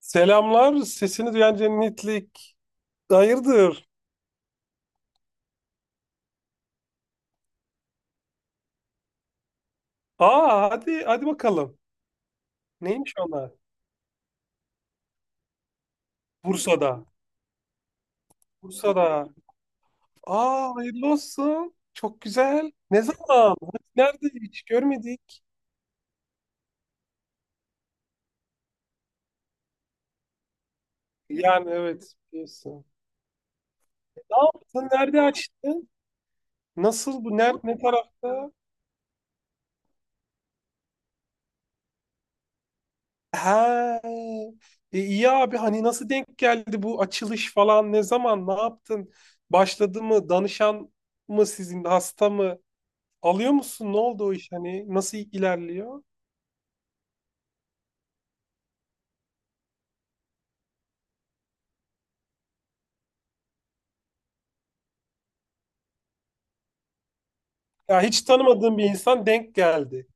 Selamlar. Sesini duyan cennetlik. Hayırdır? Aa hadi hadi bakalım. Neymiş onlar? Bursa'da. Bursa'da. Aa hayırlı olsun. Çok güzel. Ne zaman? Nerede? Hiç görmedik. Yani evet. Biliyorsun. Ne yaptın? Nerede açtın? Nasıl bu? Nerede? Ne tarafta? He. E, iyi abi hani nasıl denk geldi bu açılış falan? Ne zaman? Ne yaptın? Başladı mı? Danışan mı sizin? Hasta mı? Alıyor musun? Ne oldu o iş? Hani nasıl ilerliyor? Ya hiç tanımadığım bir insan denk geldi.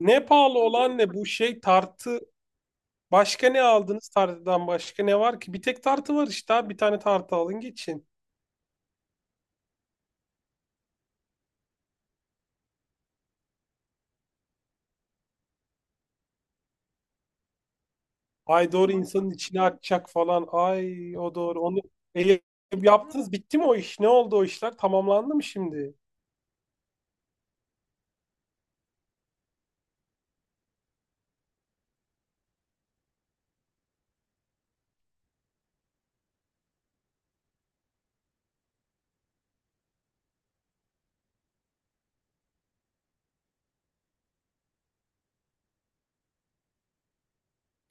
Ne pahalı olan ne bu şey tartı. Başka ne aldınız tartıdan başka ne var ki? Bir tek tartı var işte abi. Bir tane tartı alın geçin. Ay doğru insanın içine atacak falan. Ay o doğru. Onu e, yaptınız. Bitti mi o iş? Ne oldu o işler? Tamamlandı mı şimdi?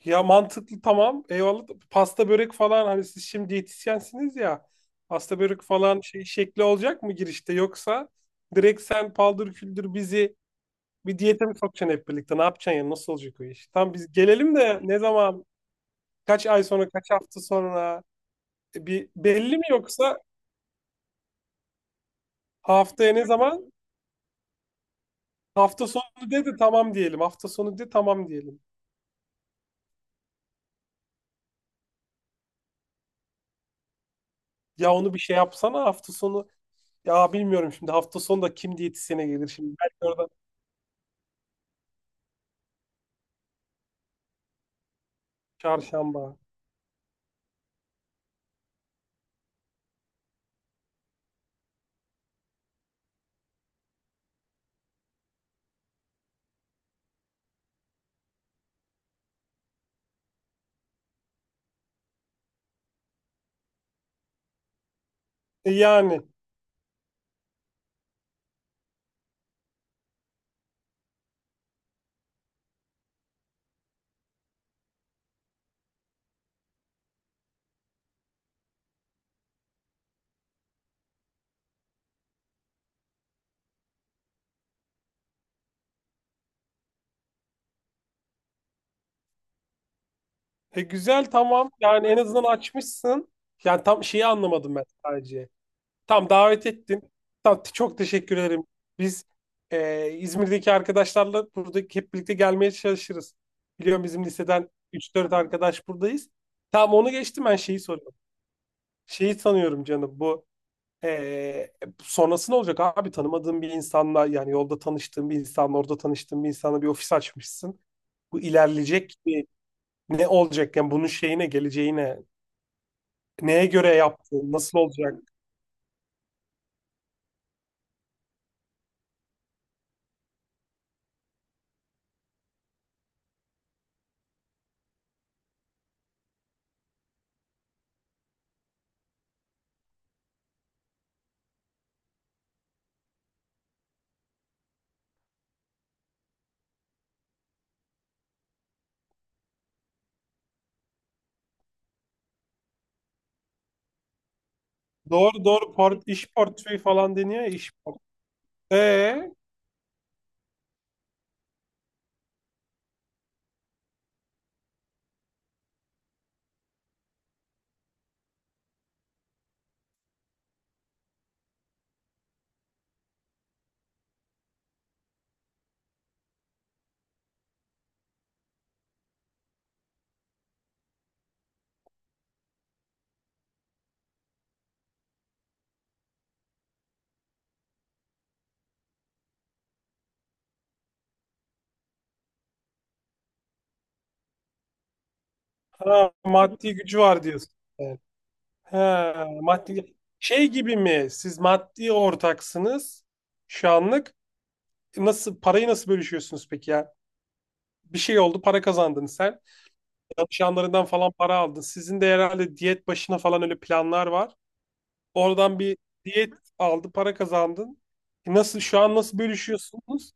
Ya mantıklı, tamam. Eyvallah. Pasta börek falan hani siz şimdi diyetisyensiniz ya. Pasta börek falan şey şekli olacak mı girişte, yoksa direkt sen paldır küldür bizi bir diyete mi sokacaksın hep birlikte? Ne yapacaksın ya? Nasıl olacak o iş? Tam biz gelelim de ne zaman? Kaç ay sonra, kaç hafta sonra? Bir belli mi, yoksa haftaya ne zaman? Hafta sonu dedi tamam diyelim. Hafta sonu de tamam diyelim. Ya onu bir şey yapsana hafta sonu. Ya bilmiyorum, şimdi hafta sonu da kim diyetisyene gelir şimdi. Belki orada. Çarşamba. Yani güzel, tamam. Yani en azından açmışsın. Yani tam şeyi anlamadım ben sadece. Tam davet ettin. Tam çok teşekkür ederim. Biz İzmir'deki arkadaşlarla burada hep birlikte gelmeye çalışırız. Biliyorum, bizim liseden üç dört arkadaş buradayız. Tamam, onu geçtim, ben şeyi soruyorum. Şeyi sanıyorum canım, bu e, sonrası ne olacak abi? Tanımadığın bir insanla, yani yolda tanıştığın bir insanla, orada tanıştığın bir insanla bir ofis açmışsın. Bu ilerleyecek. Ne olacak yani bunun şeyine, geleceğine, neye göre yaptın, nasıl olacak? Doğru doğru, iş portföyü falan deniyor ya, iş portföyü. Ee, ha, maddi gücü var diyorsun. Evet. Ha, maddi şey gibi mi? Siz maddi ortaksınız şu anlık. Nasıl parayı nasıl bölüşüyorsunuz peki ya? Bir şey oldu, para kazandın sen. Çalışanlarından falan para aldın. Sizin de herhalde diyet başına falan öyle planlar var. Oradan bir diyet aldı, para kazandın. E Nasıl şu an nasıl bölüşüyorsunuz?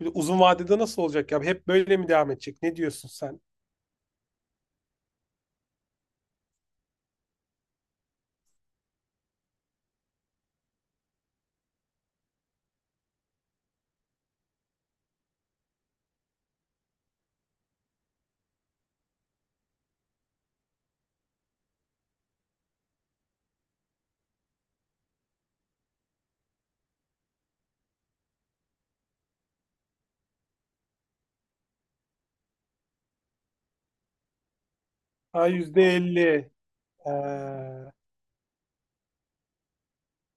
Bir de uzun vadede nasıl olacak ya? Hep böyle mi devam edecek? Ne diyorsun sen? Ha, %50. Ee,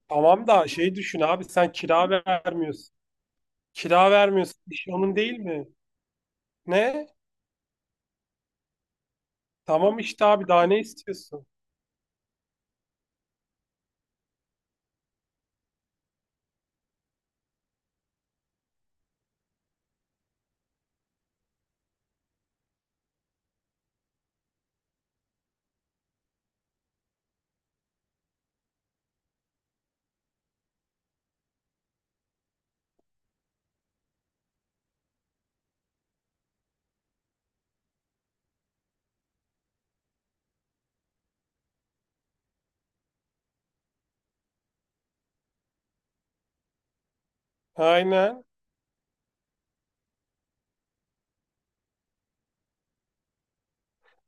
tamam da şey düşün abi, sen kira vermiyorsun. Kira vermiyorsun. İş onun değil mi? Ne? Tamam işte abi, daha ne istiyorsun? Aynen.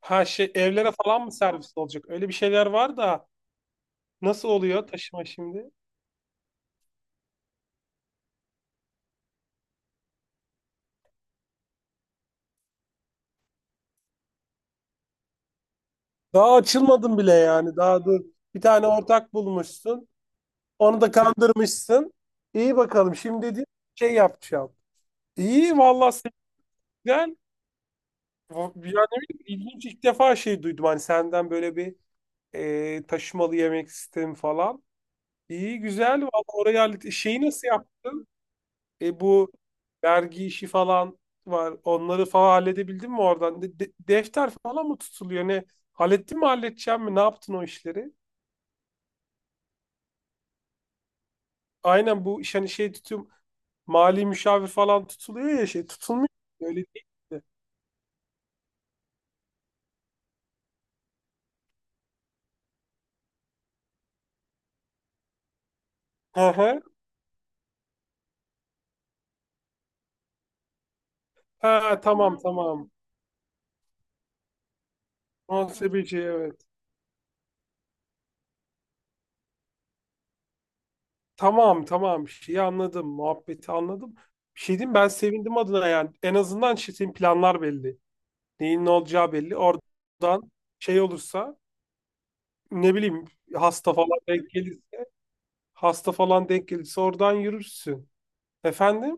Ha şey, evlere falan mı servis olacak? Öyle bir şeyler var da nasıl oluyor taşıma şimdi? Daha açılmadın bile yani. Daha dur. Bir tane ortak bulmuşsun. Onu da kandırmışsın. İyi bakalım, şimdi dedi şey yapacağım. İyi vallahi, güzel. Yani ne ilginç, ilk defa şey duydum hani senden, böyle bir taşımalı yemek sistemi falan. İyi güzel vallahi, oraya şeyi nasıl yaptın? Bu vergi işi falan var. Onları falan halledebildin mi oradan? Defter falan mı tutuluyor? Ne, hallettin mi, halledeceğim mi? Ne yaptın o işleri? Aynen, bu iş hani şey tutum, mali müşavir falan tutuluyor ya, şey tutulmuyor. Öyle değil. Hı hı. Ha, tamam. Tamam. Tamam. Muhasebeci, evet. Tamam tamam, şeyi anladım. Muhabbeti anladım. Bir şey diyeyim, ben sevindim adına yani. En azından şey, planlar belli. Neyin ne olacağı belli. Oradan şey olursa, ne bileyim, hasta falan denk gelirse hasta falan denk gelirse oradan yürürsün. Efendim?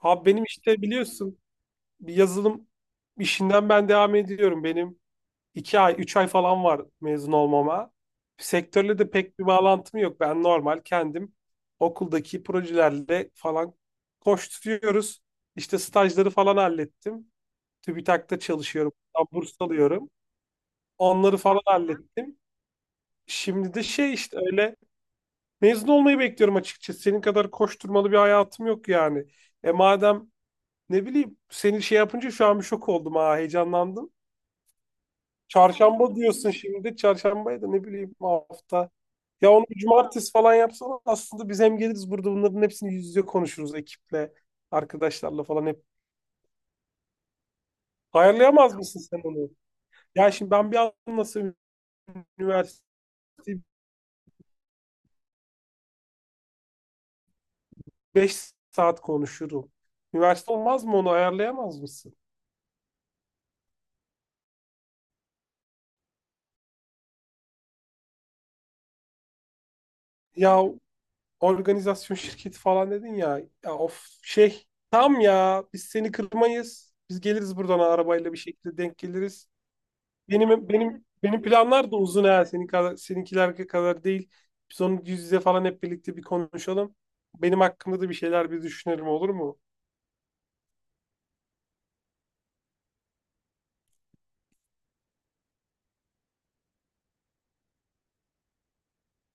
Abi, benim işte biliyorsun, bir yazılım işinden ben devam ediyorum. Benim 2 ay, 3 ay falan var mezun olmama. Sektörle de pek bir bağlantım yok. Ben normal kendim okuldaki projelerle falan koşturuyoruz. İşte stajları falan hallettim. TÜBİTAK'ta çalışıyorum. Buradan burs alıyorum. Onları falan hallettim. Şimdi de şey işte, öyle mezun olmayı bekliyorum açıkçası. Senin kadar koşturmalı bir hayatım yok yani. Madem ne bileyim, seni şey yapınca şu an bir şok oldum, ha, heyecanlandım. Çarşamba diyorsun şimdi. Çarşambaya da ne bileyim, hafta. Ya onu bir cumartesi falan yapsana. Aslında biz hem geliriz, burada bunların hepsini yüz yüze konuşuruz ekiple, arkadaşlarla falan hep. Ayarlayamaz mısın sen onu? Ya şimdi ben bir anlasam üniversiteyi, 5 saat konuşurum. Üniversite olmaz mı, onu ayarlayamaz mısın? Ya, organizasyon şirketi falan dedin ya. Ya of, şey tam, ya biz seni kırmayız. Biz geliriz buradan arabayla, bir şekilde denk geliriz. Benim planlar da uzun ha. Senin kadar, seninkiler kadar değil. Biz onu yüz yüze falan hep birlikte bir konuşalım. Benim hakkımda da bir şeyler bir düşünelim, olur mu?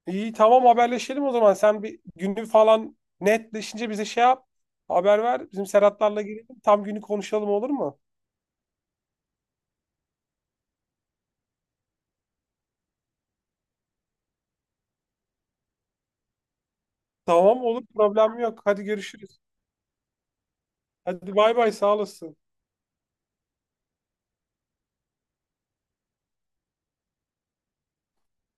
İyi tamam, haberleşelim o zaman. Sen bir günü falan netleşince bize şey yap. Haber ver. Bizim Serhatlarla gelelim. Tam günü konuşalım, olur mu? Tamam, olur, problem yok. Hadi görüşürüz. Hadi bay bay, sağ olasın.